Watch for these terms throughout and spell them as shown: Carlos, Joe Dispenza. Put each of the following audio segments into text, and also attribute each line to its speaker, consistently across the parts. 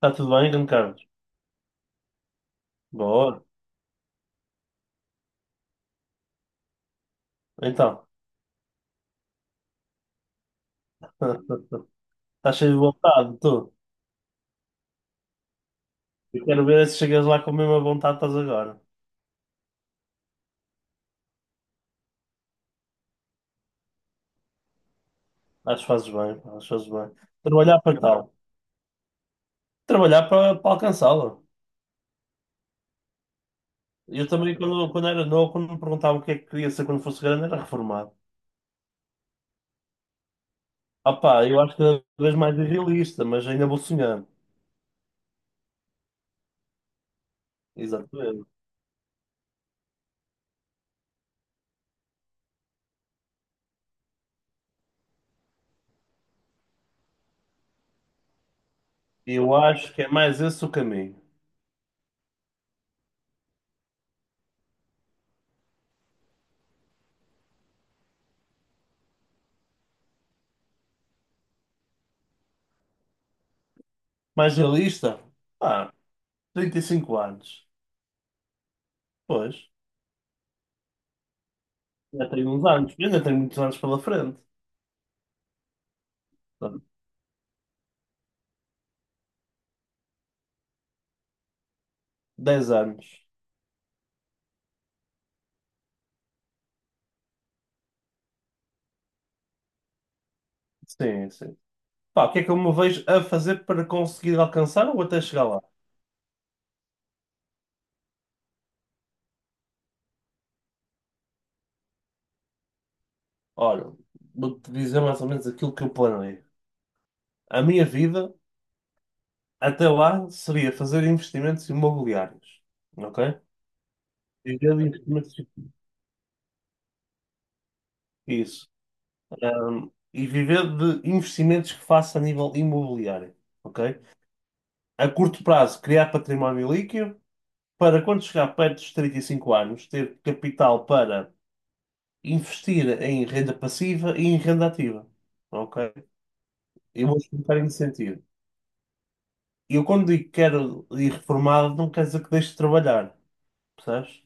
Speaker 1: Está tudo bem, grande Carlos? Boa. Então, estás cheio de vontade, tu. Eu quero ver se chegas lá com a mesma vontade que estás agora. Acho que fazes bem, pá, acho que fazes bem. Trabalhar para tal. Trabalhar para alcançá-la. Eu também, quando era novo, quando me perguntavam o que é que queria ser quando fosse grande, era reformado. Ah pá, eu acho que cada vez mais irrealista, mas ainda vou sonhando. Exatamente. Eu acho que é mais esse o caminho. Mais realista? Ah, 35 anos. Pois, já tenho uns anos. Eu ainda tenho muitos anos pela frente. Dez anos. Sim, sim. Pá, o que é que eu me vejo a fazer para conseguir alcançar ou até chegar lá? Olha, vou-te dizer mais ou menos aquilo que eu planei. A minha vida até lá seria fazer investimentos imobiliários, ok? Viver de investimentos. Isso. E viver de investimentos que faça a nível imobiliário, ok? A curto prazo, criar património líquido para quando chegar perto dos 35 anos, ter capital para investir em renda passiva e em renda ativa. Ok? Eu vou explicar em que sentido. Eu, quando digo que quero ir reformado, não quer dizer que deixe de trabalhar, percebes?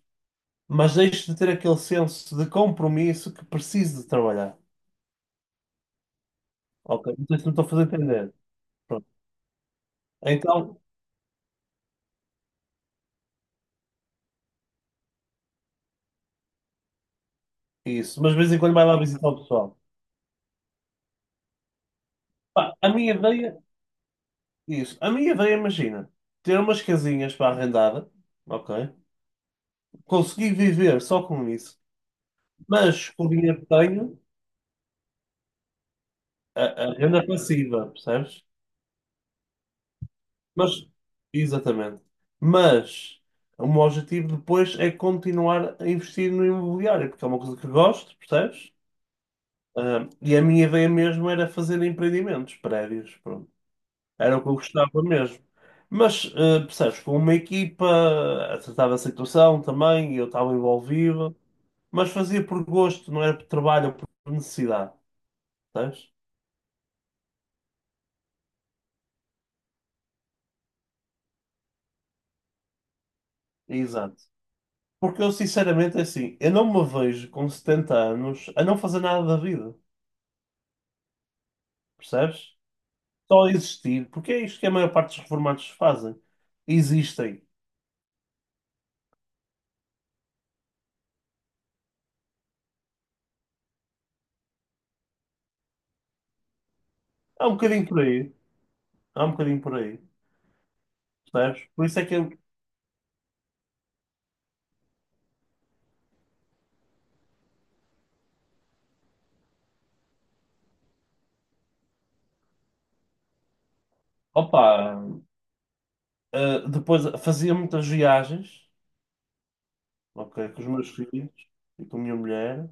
Speaker 1: Mas deixe de ter aquele senso de compromisso que preciso de trabalhar. Ok? Não sei se me estou a fazer entender. Pronto. Então, isso. Mas de vez em quando vai lá visitar o pessoal. Pá, a minha ideia, isso. A minha ideia, imagina, ter umas casinhas para arrendar, ok? Consegui viver só com isso, mas com o dinheiro que tenho. A renda passiva, percebes? Mas, exatamente. Mas o meu objetivo depois é continuar a investir no imobiliário, porque é uma coisa que gosto, percebes? Ah, e a minha ideia mesmo era fazer empreendimentos, prédios, pronto. Era o que eu gostava mesmo. Mas, percebes, com uma equipa, tratava a tratar situação também, eu estava envolvido, mas fazia por gosto, não era por trabalho ou por necessidade, percebes? Exato. Porque eu, sinceramente, é assim, eu não me vejo com 70 anos a não fazer nada da vida, percebes? Só existir, porque é isto que a maior parte dos reformados fazem. Existem. Há um bocadinho por aí, há um bocadinho por aí, percebes? Por isso é que eu, opa, ah, depois fazia muitas viagens, ok, com os meus filhos e com a minha mulher,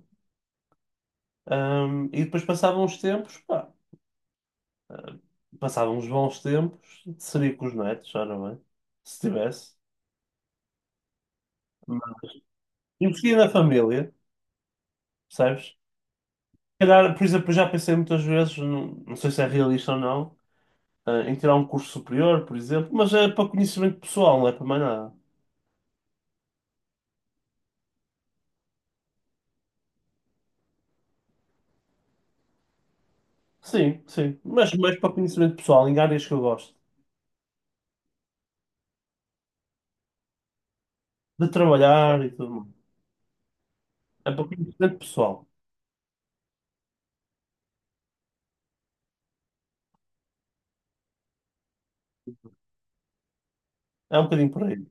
Speaker 1: e depois passavam os tempos, pá, passavam os bons tempos, seria com os netos, ora bem, se tivesse. Investia na família, percebes? Calhar, por exemplo, eu já pensei muitas vezes, não sei se é realista ou não, em tirar um curso superior, por exemplo, mas é para conhecimento pessoal, não é para mais nada. Sim, sim, mas mais para conhecimento pessoal, em áreas que eu gosto, de trabalhar e tudo mais. É para conhecimento pessoal, é um bocadinho por aí.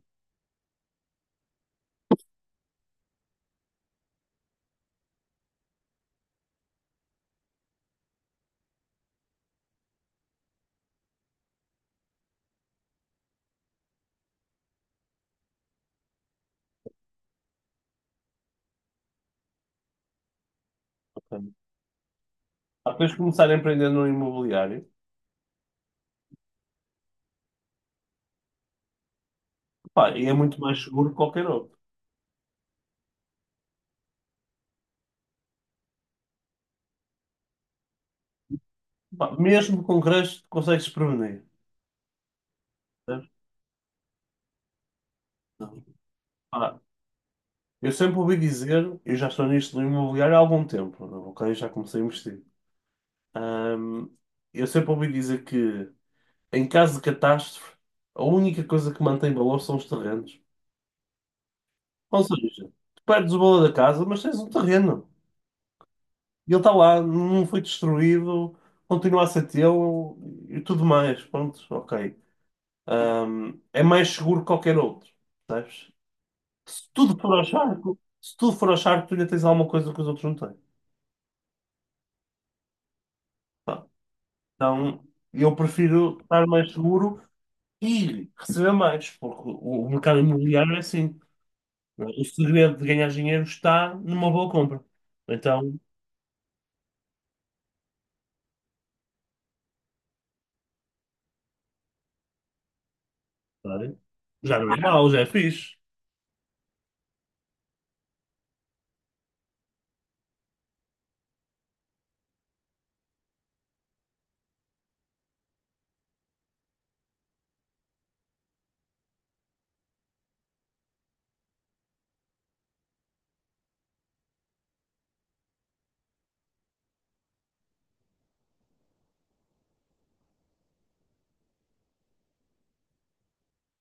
Speaker 1: Ok? Há pessoas que começarem a empreender no imobiliário, pá, e é muito mais seguro que qualquer outro. Pá, mesmo com creche, consegues prevenir. Percebes? Eu sempre ouvi dizer, eu já estou nisto do imobiliário há algum tempo, ok? Já comecei a investir. Ahm, eu sempre ouvi dizer que, em caso de catástrofe, a única coisa que mantém valor são os terrenos. Ou seja, tu perdes o valor da casa, mas tens um terreno. E ele está lá, não foi destruído, continua a ser teu e tudo mais. Pronto, ok. É mais seguro que qualquer outro, sabes? Se tudo for ao charco, se tudo for ao charco, tu ainda tens alguma coisa que os outros não têm. Pá, então, eu prefiro estar mais seguro e receber mais, porque o mercado imobiliário é assim. Não é? O segredo de ganhar dinheiro está numa boa compra. Então, claro, já não é mau, já é fixe.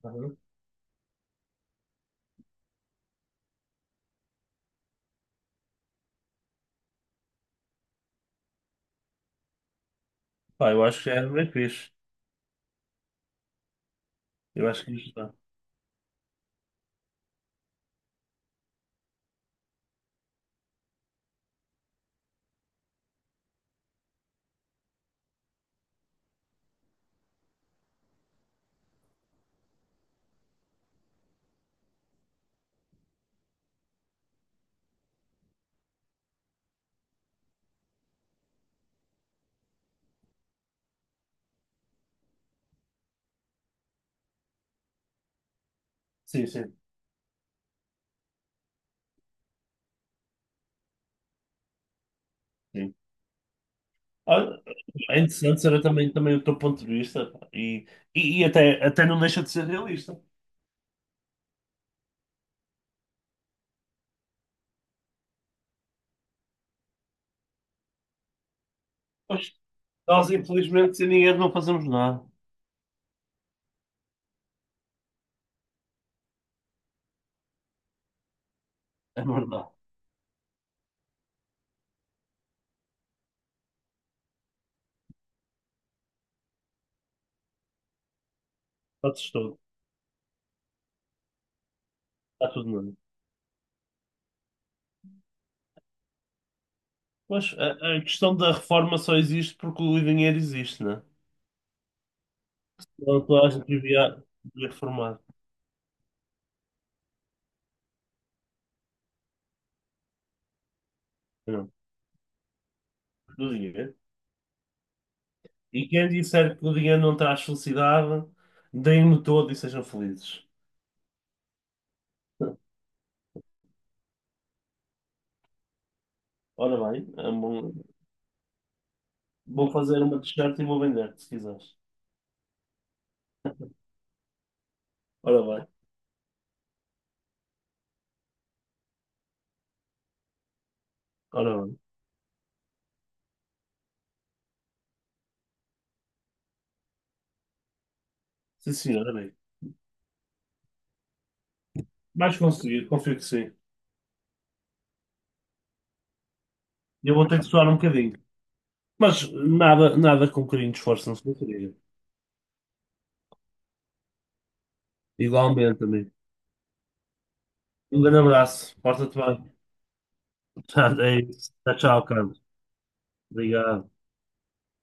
Speaker 1: Uhum. Pá, eu acho que já é bem fixe. Eu acho que isto está. Sim, sim. Sim. Ah, é interessante saber também, também o teu ponto de vista pá. E até, até não deixa de ser realista. Pois, nós, infelizmente, sem dinheiro não fazemos nada. É verdade. Está tudo, está tudo na mão. Mas a questão da reforma só existe porque o dinheiro existe, né? Então toda a gente devia reformar. Não, do dinheiro. E quem disser que o dinheiro não traz felicidade, deem-no todo e sejam felizes. Ora bem, é bom- vou fazer uma t-shirt e vou vender, se quiseres. Ora bem, ora bem. Sim, senhora, bem. Vais conseguir, confio que sim. E eu vou ter que suar um bocadinho. Mas nada, nada com um bocadinho de esforço, não se consegue. Igualmente, amigo. Um grande abraço. Porta-te bem. é isso. Tchau, tchau, Carlos. Obrigado.